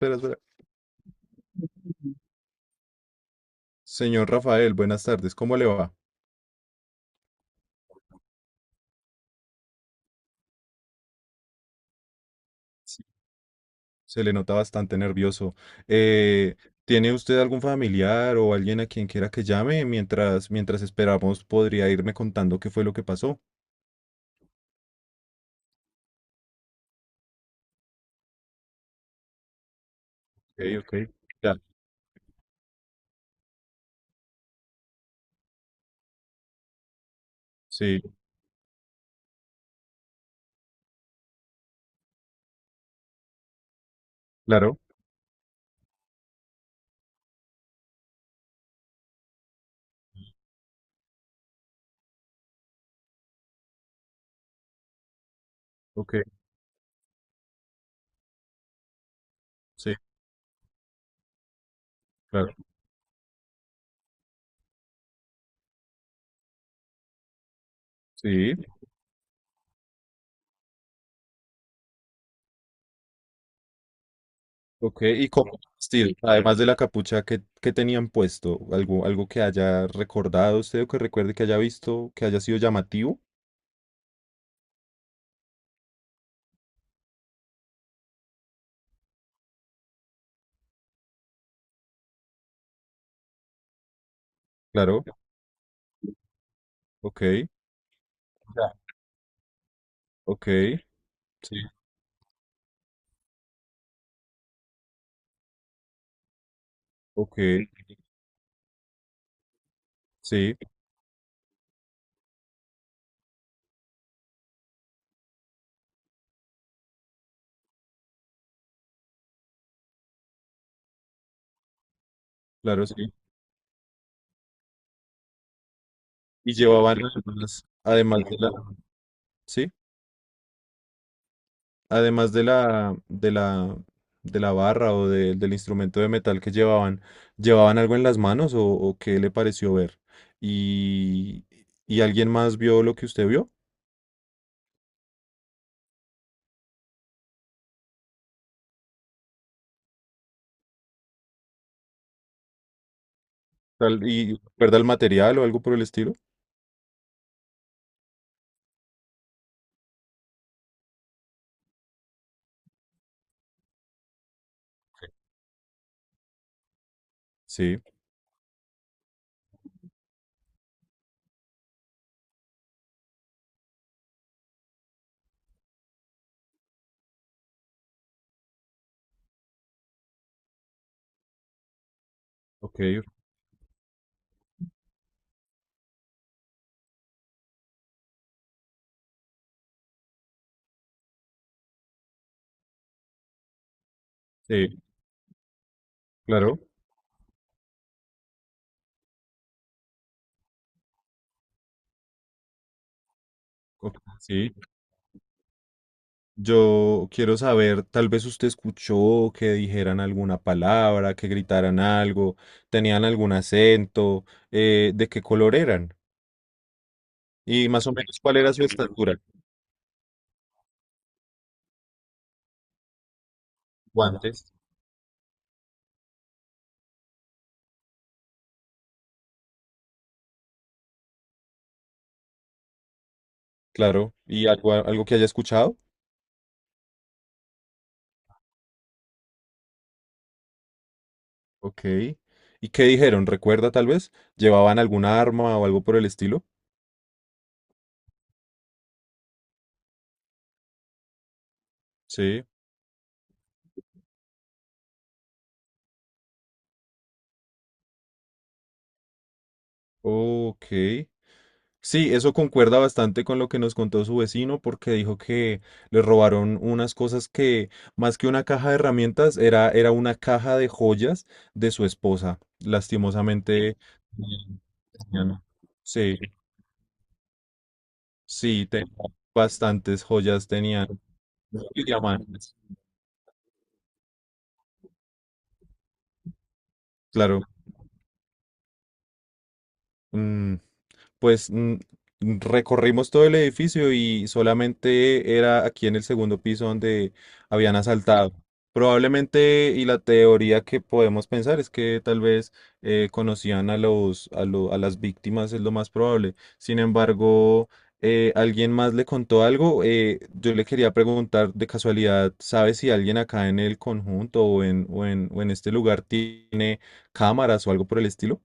Espera, espera. Señor Rafael, buenas tardes. ¿Cómo le va? Sí. Se le nota bastante nervioso. Eh, ¿Tiene usted algún familiar o alguien a quien quiera que llame? Mientras esperamos, podría irme contando qué fue lo que pasó. Ok, ok. Ya. Sí, claro. Ok, sí, claro. Sí, ok. ¿Y cómo vestido? Además de la capucha, ¿qué tenían puesto? ¿Algo que haya recordado usted o que recuerde que haya visto, que haya sido llamativo? Claro. Ok. Ya. Ok. Sí. Ok. Sí, claro, sí. Y llevaban algunas, además de la, sí, además de la barra o del instrumento de metal que llevaban, ¿llevaban algo en las manos o qué le pareció ver? ¿Y, y alguien más vio lo que usted vio? ¿Y recuerda el material o algo por el estilo? Sí, ok, ok, sí, claro. Ok, sí. Yo quiero saber, tal vez usted escuchó que dijeran alguna palabra, que gritaran algo, tenían algún acento, de qué color eran y más o menos cuál era su estatura. Guantes. Claro, y algo, algo que haya escuchado. Ok. ¿Y qué dijeron? ¿Recuerda tal vez? ¿Llevaban alguna arma o algo por el estilo? Sí. Ok. Sí, eso concuerda bastante con lo que nos contó su vecino, porque dijo que le robaron unas cosas que, más que una caja de herramientas, era una caja de joyas de su esposa. Lastimosamente, tenían- sí, sí, te- bastantes joyas tenían. Claro, mm, pues mm, recorrimos todo el edificio y solamente era aquí en el segundo piso donde habían asaltado. Probablemente, y la teoría que podemos pensar es que tal vez conocían a los, a a las víctimas, es lo más probable. Sin embargo, alguien más le contó algo. Yo le quería preguntar de casualidad, ¿sabes si alguien acá en el conjunto o en este lugar tiene cámaras o algo por el estilo?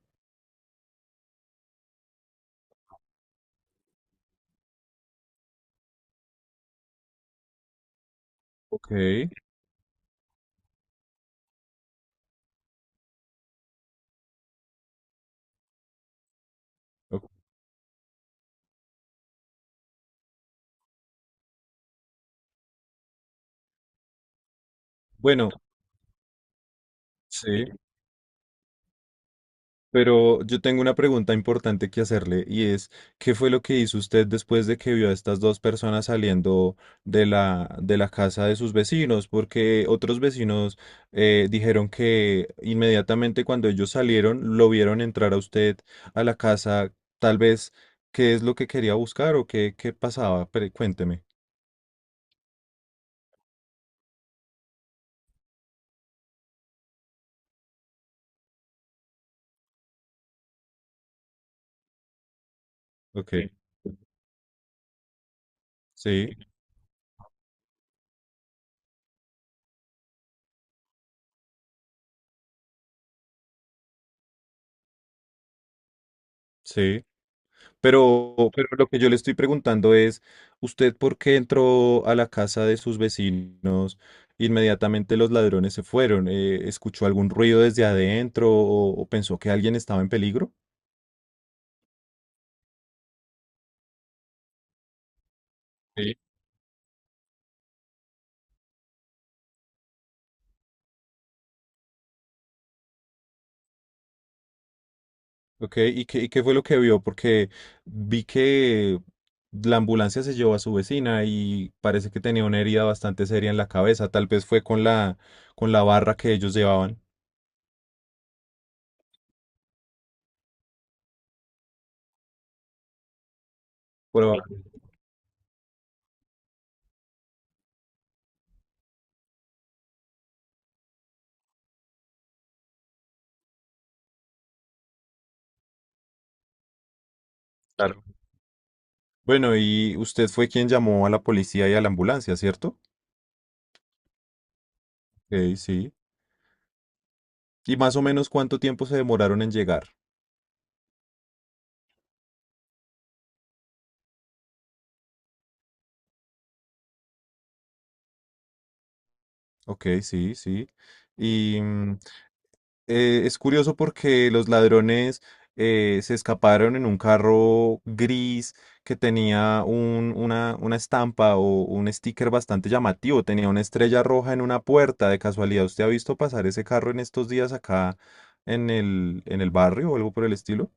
Ok. Ok. Bueno. Sí. Pero yo tengo una pregunta importante que hacerle y es, ¿qué fue lo que hizo usted después de que vio a estas dos personas saliendo de la casa de sus vecinos? Porque otros vecinos dijeron que inmediatamente cuando ellos salieron lo vieron entrar a usted a la casa, tal vez, ¿qué es lo que quería buscar o qué pasaba? Cuénteme. Ok, sí. Sí, sí. Pero lo que yo le estoy preguntando es, ¿usted por qué entró a la casa de sus vecinos? Inmediatamente los ladrones se fueron. ¿Escuchó algún ruido desde adentro o pensó que alguien estaba en peligro? Sí. Ok, ¿y qué fue lo que vio? Porque vi que la ambulancia se llevó a su vecina y parece que tenía una herida bastante seria en la cabeza. Tal vez fue con la barra que ellos llevaban. Probable. Claro. Bueno, y usted fue quien llamó a la policía y a la ambulancia, ¿cierto? Ok, sí. ¿Y más o menos cuánto tiempo se demoraron en llegar? Ok, sí, sí. Y mm, es curioso porque los ladrones se escaparon en un carro gris que tenía una estampa o un sticker bastante llamativo. Tenía una estrella roja en una puerta. De casualidad, ¿usted ha visto pasar ese carro en estos días acá en el barrio o algo por el estilo?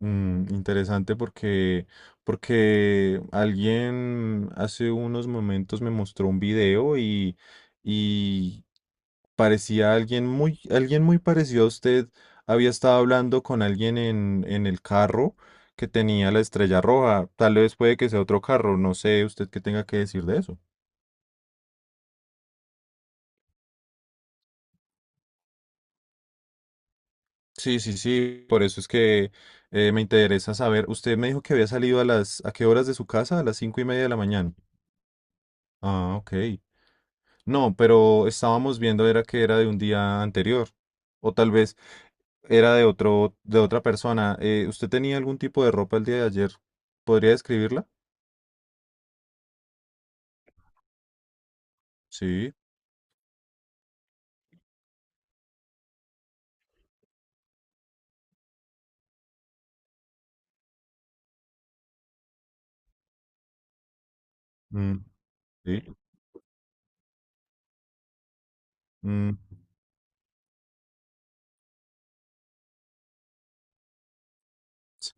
Mm, interesante porque, porque alguien hace unos momentos me mostró un video y parecía alguien muy parecido a usted. Había estado hablando con alguien en el carro que tenía la estrella roja. Tal vez puede que sea otro carro, no sé usted qué tenga que decir de eso. Sí, sí, sí, por eso es que me interesa saber. Usted me dijo que había salido a las, ¿a qué horas de su casa? A las cinco y media de la mañana. Ah, ok. No, pero estábamos viendo era que era de un día anterior. O tal vez era de otro, de otra persona. ¿Usted tenía algún tipo de ropa el día de ayer? ¿Podría describirla? Sí. Mm, sí. Mm, sí.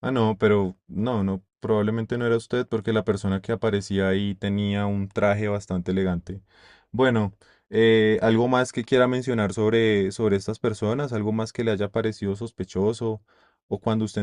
Ah, no, pero no, no, probablemente no era usted porque la persona que aparecía ahí tenía un traje bastante elegante. Bueno, ¿algo más que quiera mencionar sobre, sobre estas personas? ¿Algo más que le haya parecido sospechoso? ¿O cuando usted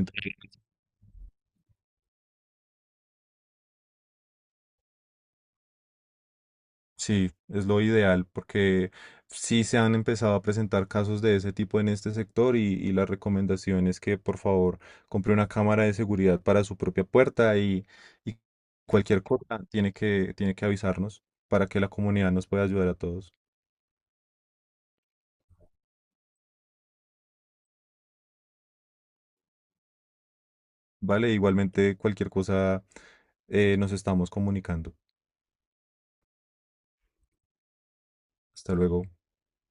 sí, es lo ideal porque sí se han empezado a presentar casos de ese tipo en este sector y la recomendación es que por favor compre una cámara de seguridad para su propia puerta y cualquier cosa tiene que avisarnos para que la comunidad nos pueda ayudar a todos. Vale, igualmente cualquier cosa nos estamos comunicando. Hasta luego.